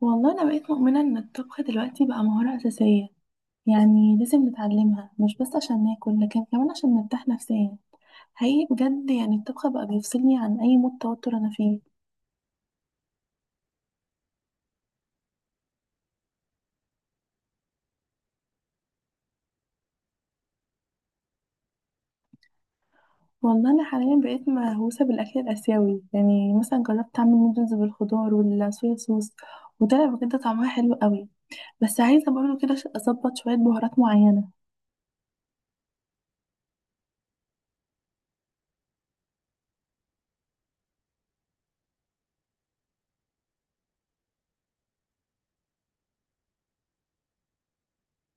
والله أنا بقيت مؤمنة إن الطبخ دلوقتي بقى مهارة أساسية، يعني لازم نتعلمها مش بس عشان ناكل لكن كمان عشان نرتاح نفسيا. حقيقي بجد يعني الطبخ بقى بيفصلني عن أي مود توتر أنا فيه. والله أنا حاليا بقيت مهووسة بالأكل الآسيوي، يعني مثلا جربت أعمل نودلز بالخضار والصويا صوص، وطلع بجد طعمها حلو قوي. بس عايزة برضه كده أظبط شوية بهارات معينة.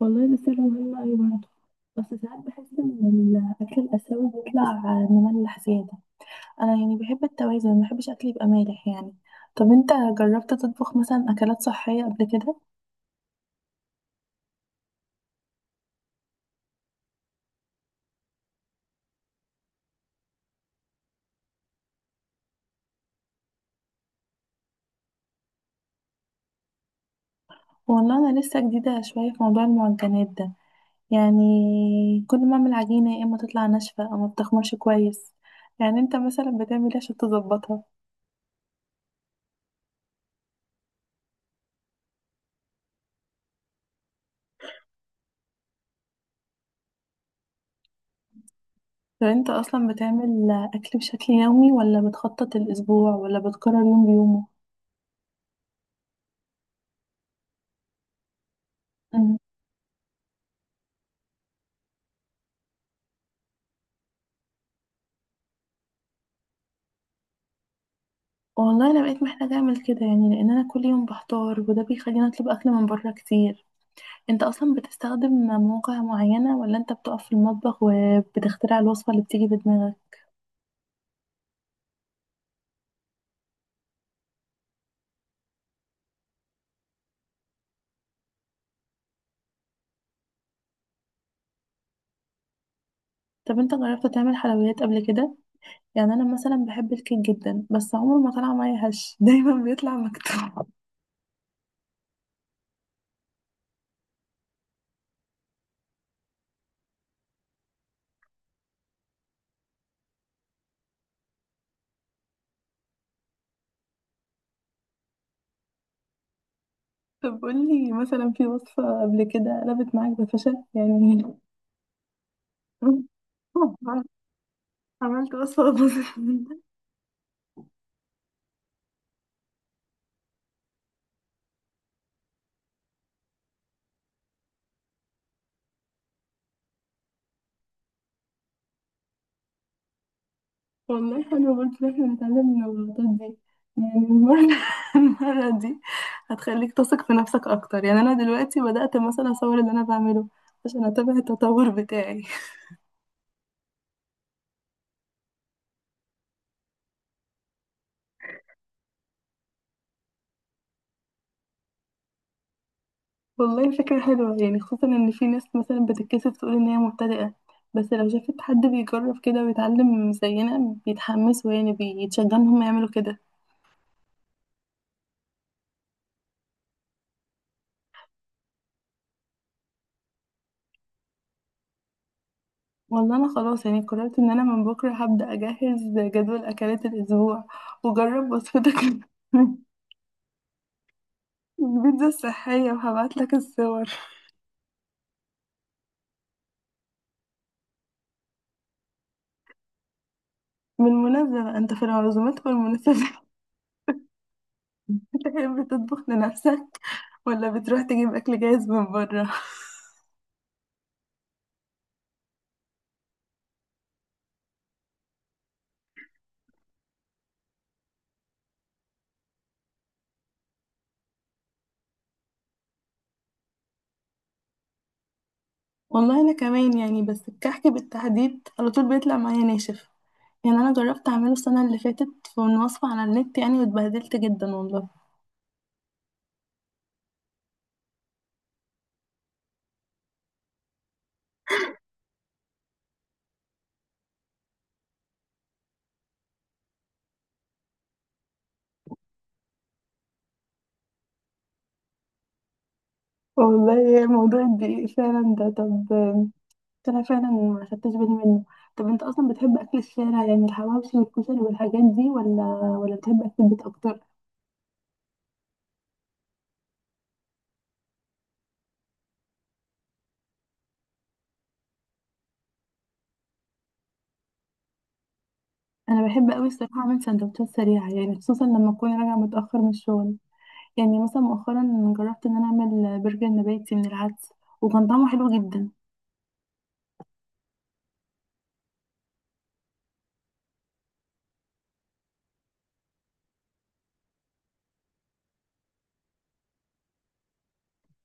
والله ده سر مهم أوي برضه، بس ساعات بحس إن الأكل الآسيوي بيطلع مملح زيادة. انا يعني بحب التوازن، ما بحبش اكلي يبقى مالح يعني. طب انت جربت تطبخ مثلا اكلات صحيه قبل كده؟ والله انا لسه جديده شويه في موضوع المعجنات ده، يعني كل ما اعمل عجينه يا اما تطلع ناشفه او ما بتخمرش كويس. يعني انت مثلا بتعمل ايه عشان تظبطها؟ طب انت اصلا بتعمل اكل بشكل يومي ولا بتخطط الاسبوع ولا بتكرر يوم بيومه؟ مم. والله انا بقيت محتاجه اعمل كده يعني، لان انا كل يوم بحتار وده بيخليني اطلب اكل من بره كتير. انت اصلا بتستخدم مواقع معينة ولا انت بتقف في المطبخ وبتخترع الوصفة اللي بتيجي في دماغك؟ طب انت جربت تعمل حلويات قبل كده؟ يعني انا مثلا بحب الكيك جدا بس عمره ما طلع معايا هش دايما بيطلع مكتوب. طب قولي مثلا في وصفة قبل كده قلبت معاك بفشل يعني؟ عملت وصفة باظت؟ والله حلو برضه إن احنا نتعلم من الغلطات دي. يعني المرة المرة دي هتخليك تثق في نفسك أكتر، يعني أنا دلوقتي بدأت مثلا أصور اللي أنا بعمله عشان أتابع التطور بتاعي. والله فكرة حلوة، يعني خصوصا إن في ناس مثلا بتتكسف تقول إن هي مبتدئة، بس لو شافت حد بيجرب كده ويتعلم زينا بيتحمسوا يعني بيتشجعوا إن هم يعملوا كده. والله أنا خلاص يعني قررت إن أنا من بكرة هبدأ أجهز جدول أكلات الأسبوع وجرب وصفتك، البيتزا الصحية، وهبعت لك الصور. بالمناسبة بقى انت في العزومات والمناسبات بتحب تطبخ لنفسك ولا بتروح تجيب أكل جاهز من بره؟ والله أنا كمان يعني، بس الكحك بالتحديد على طول بيطلع معايا ناشف، يعني أنا جربت أعمله السنة اللي فاتت في من وصفة على النت يعني واتبهدلت جدا والله. والله موضوع الدقيق فعلا ده، طب أنا فعلا ما خدتش بالي منه. طب انت اصلا بتحب اكل الشارع يعني الحواوشي والكشري والحاجات دي، ولا بتحب اكل البيت اكتر؟ انا بحب قوي الصراحه اعمل سندوتشات سريعه، يعني خصوصا لما اكون راجعه متاخر من الشغل. يعني مثلا مؤخرا جربت ان انا اعمل برجر نباتي من العدس وكان طعمه حلو جدا.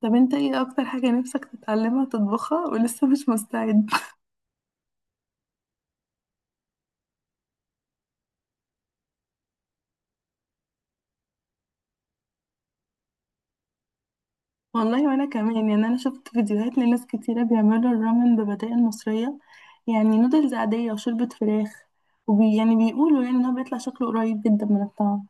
طب انت ايه اكتر حاجه نفسك تتعلمها تطبخها ولسه مش مستعد؟ والله وانا كمان يعني، انا شفت فيديوهات لناس كتيره بيعملوا الرامن ببدائل مصريه، يعني نودلز عاديه وشوربه فراخ، يعني بيقولوا يعني ان هو بيطلع شكله قريب جدا من الطعم.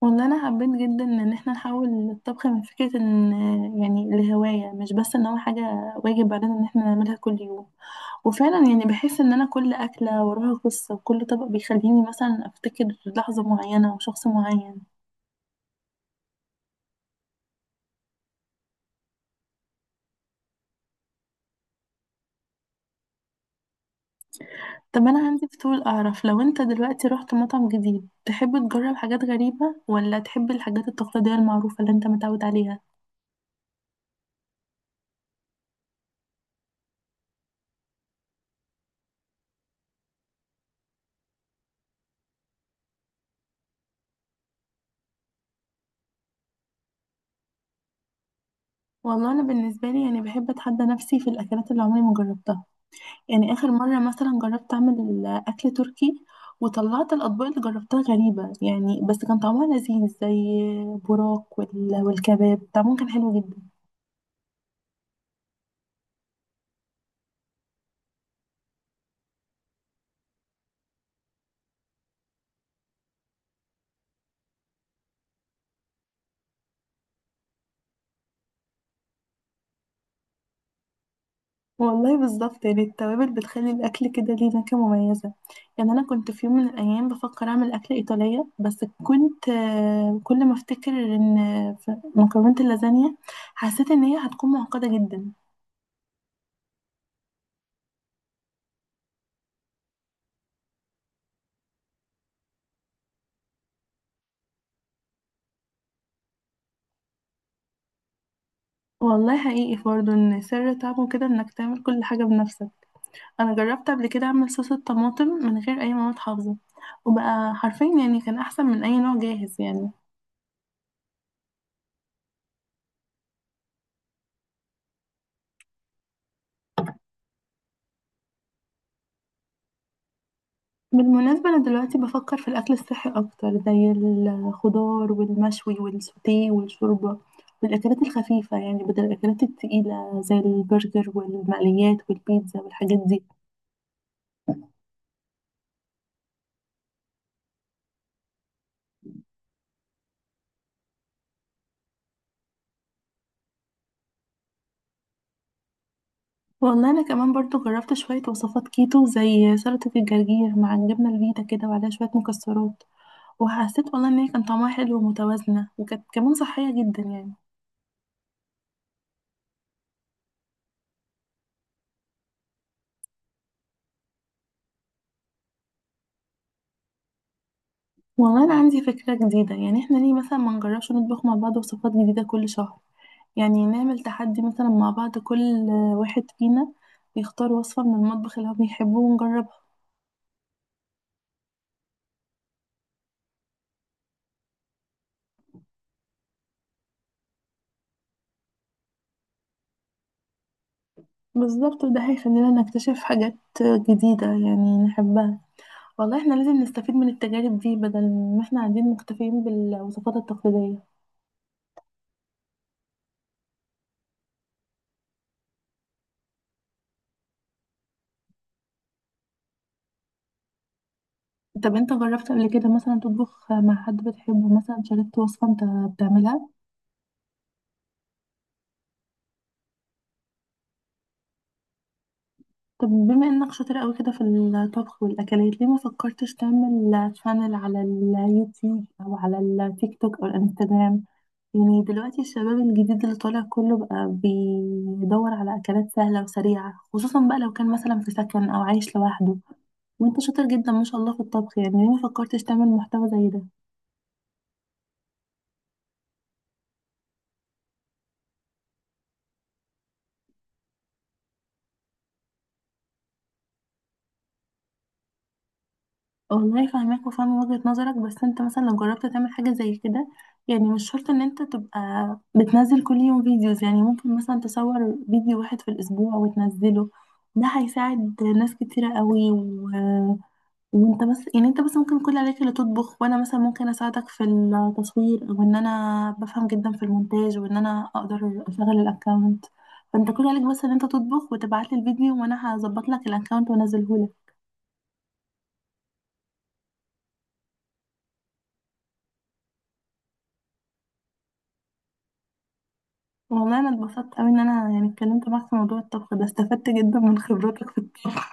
والله انا حبيت جدا ان احنا نحول الطبخ من فكره ان يعني لهوايه، مش بس ان هو حاجه واجب علينا ان احنا نعملها كل يوم. وفعلا يعني بحس ان انا كل اكله وراها قصه وكل طبق بيخليني مثلا افتكر لحظه معينه او شخص معين. طب انا عندي فضول اعرف، لو انت دلوقتي رحت مطعم جديد تحب تجرب حاجات غريبه ولا تحب الحاجات التقليديه المعروفه اللي انت متعود عليها؟ والله انا بالنسبه لي يعني بحب اتحدى نفسي في الاكلات اللي عمري ما جربتها. يعني آخر مرة مثلا جربت أعمل أكل تركي، وطلعت الأطباق اللي جربتها غريبة يعني، بس كان طعمها لذيذ، زي براك والكباب طعمهم كان حلو جدا. والله بالظبط، يعني التوابل بتخلي الأكل كده ليه نكهة مميزة. يعني أنا كنت في يوم من الأيام بفكر أعمل أكلة إيطالية، بس كنت كل ما أفتكر إن في مكرونة اللازانيا حسيت إن هي هتكون معقدة جدا. والله حقيقي برضه إن سر طعمه كده إنك تعمل كل حاجة بنفسك. انا جربت قبل كده اعمل صوص الطماطم من غير اي مواد حافظه، وبقى حرفيا يعني كان احسن من اي نوع جاهز يعني. بالمناسبة أنا دلوقتي بفكر في الأكل الصحي أكتر، زي الخضار والمشوي والسوتيه والشوربة والأكلات الخفيفة، يعني بدل الأكلات التقيلة زي البرجر والمقليات والبيتزا والحاجات دي. والله أنا كمان برضو جربت شوية وصفات كيتو، زي سلطة الجرجير مع الجبنة الفيتا كده وعليها شوية مكسرات، وحسيت والله إن هي كان طعمها حلو ومتوازنة، وكانت كمان صحية جدا يعني. والله أنا عندي فكرة جديدة، يعني احنا ليه مثلا ما نجربش نطبخ مع بعض وصفات جديدة كل شهر؟ يعني نعمل تحدي مثلا مع بعض، كل واحد فينا يختار وصفة من المطبخ اللي هو بيحبه ونجربها. بالظبط، وده هيخلينا نكتشف حاجات جديدة يعني نحبها. والله احنا لازم نستفيد من التجارب دي، بدل ما احنا قاعدين مكتفيين بالوصفات التقليدية. طب انت جربت قبل كده مثلا تطبخ مع حد بتحبه، مثلا شاركت وصفة انت بتعملها؟ طب بما انك شاطر قوي كده في الطبخ والاكلات، ليه ما فكرتش تعمل شانل على اليوتيوب او على التيك توك او الانستجرام؟ يعني دلوقتي الشباب الجديد اللي طالع كله بقى بيدور على اكلات سهله وسريعه، خصوصا بقى لو كان مثلا في سكن او عايش لوحده. وانت شاطر جدا ما شاء الله في الطبخ، يعني ليه ما فكرتش تعمل محتوى زي ده؟ والله فاهماك وفاهمة وجهة نظرك، بس انت مثلا لو جربت تعمل حاجة زي كده، يعني مش شرط ان انت تبقى بتنزل كل يوم فيديوز، يعني ممكن مثلا تصور فيديو واحد في الاسبوع وتنزله. ده هيساعد ناس كتيرة قوي وانت بس يعني انت بس ممكن كل عليك اللي تطبخ، وانا مثلا ممكن اساعدك في التصوير، او ان انا بفهم جدا في المونتاج وان انا اقدر اشغل الاكونت. فانت كل عليك بس ان انت تطبخ وتبعت لي الفيديو، وانا هظبط لك الاكونت وانزله لك. والله انا اتبسطت قوي ان انا يعني اتكلمت معاك في موضوع الطبخ ده، استفدت جدا من خبراتك في الطبخ.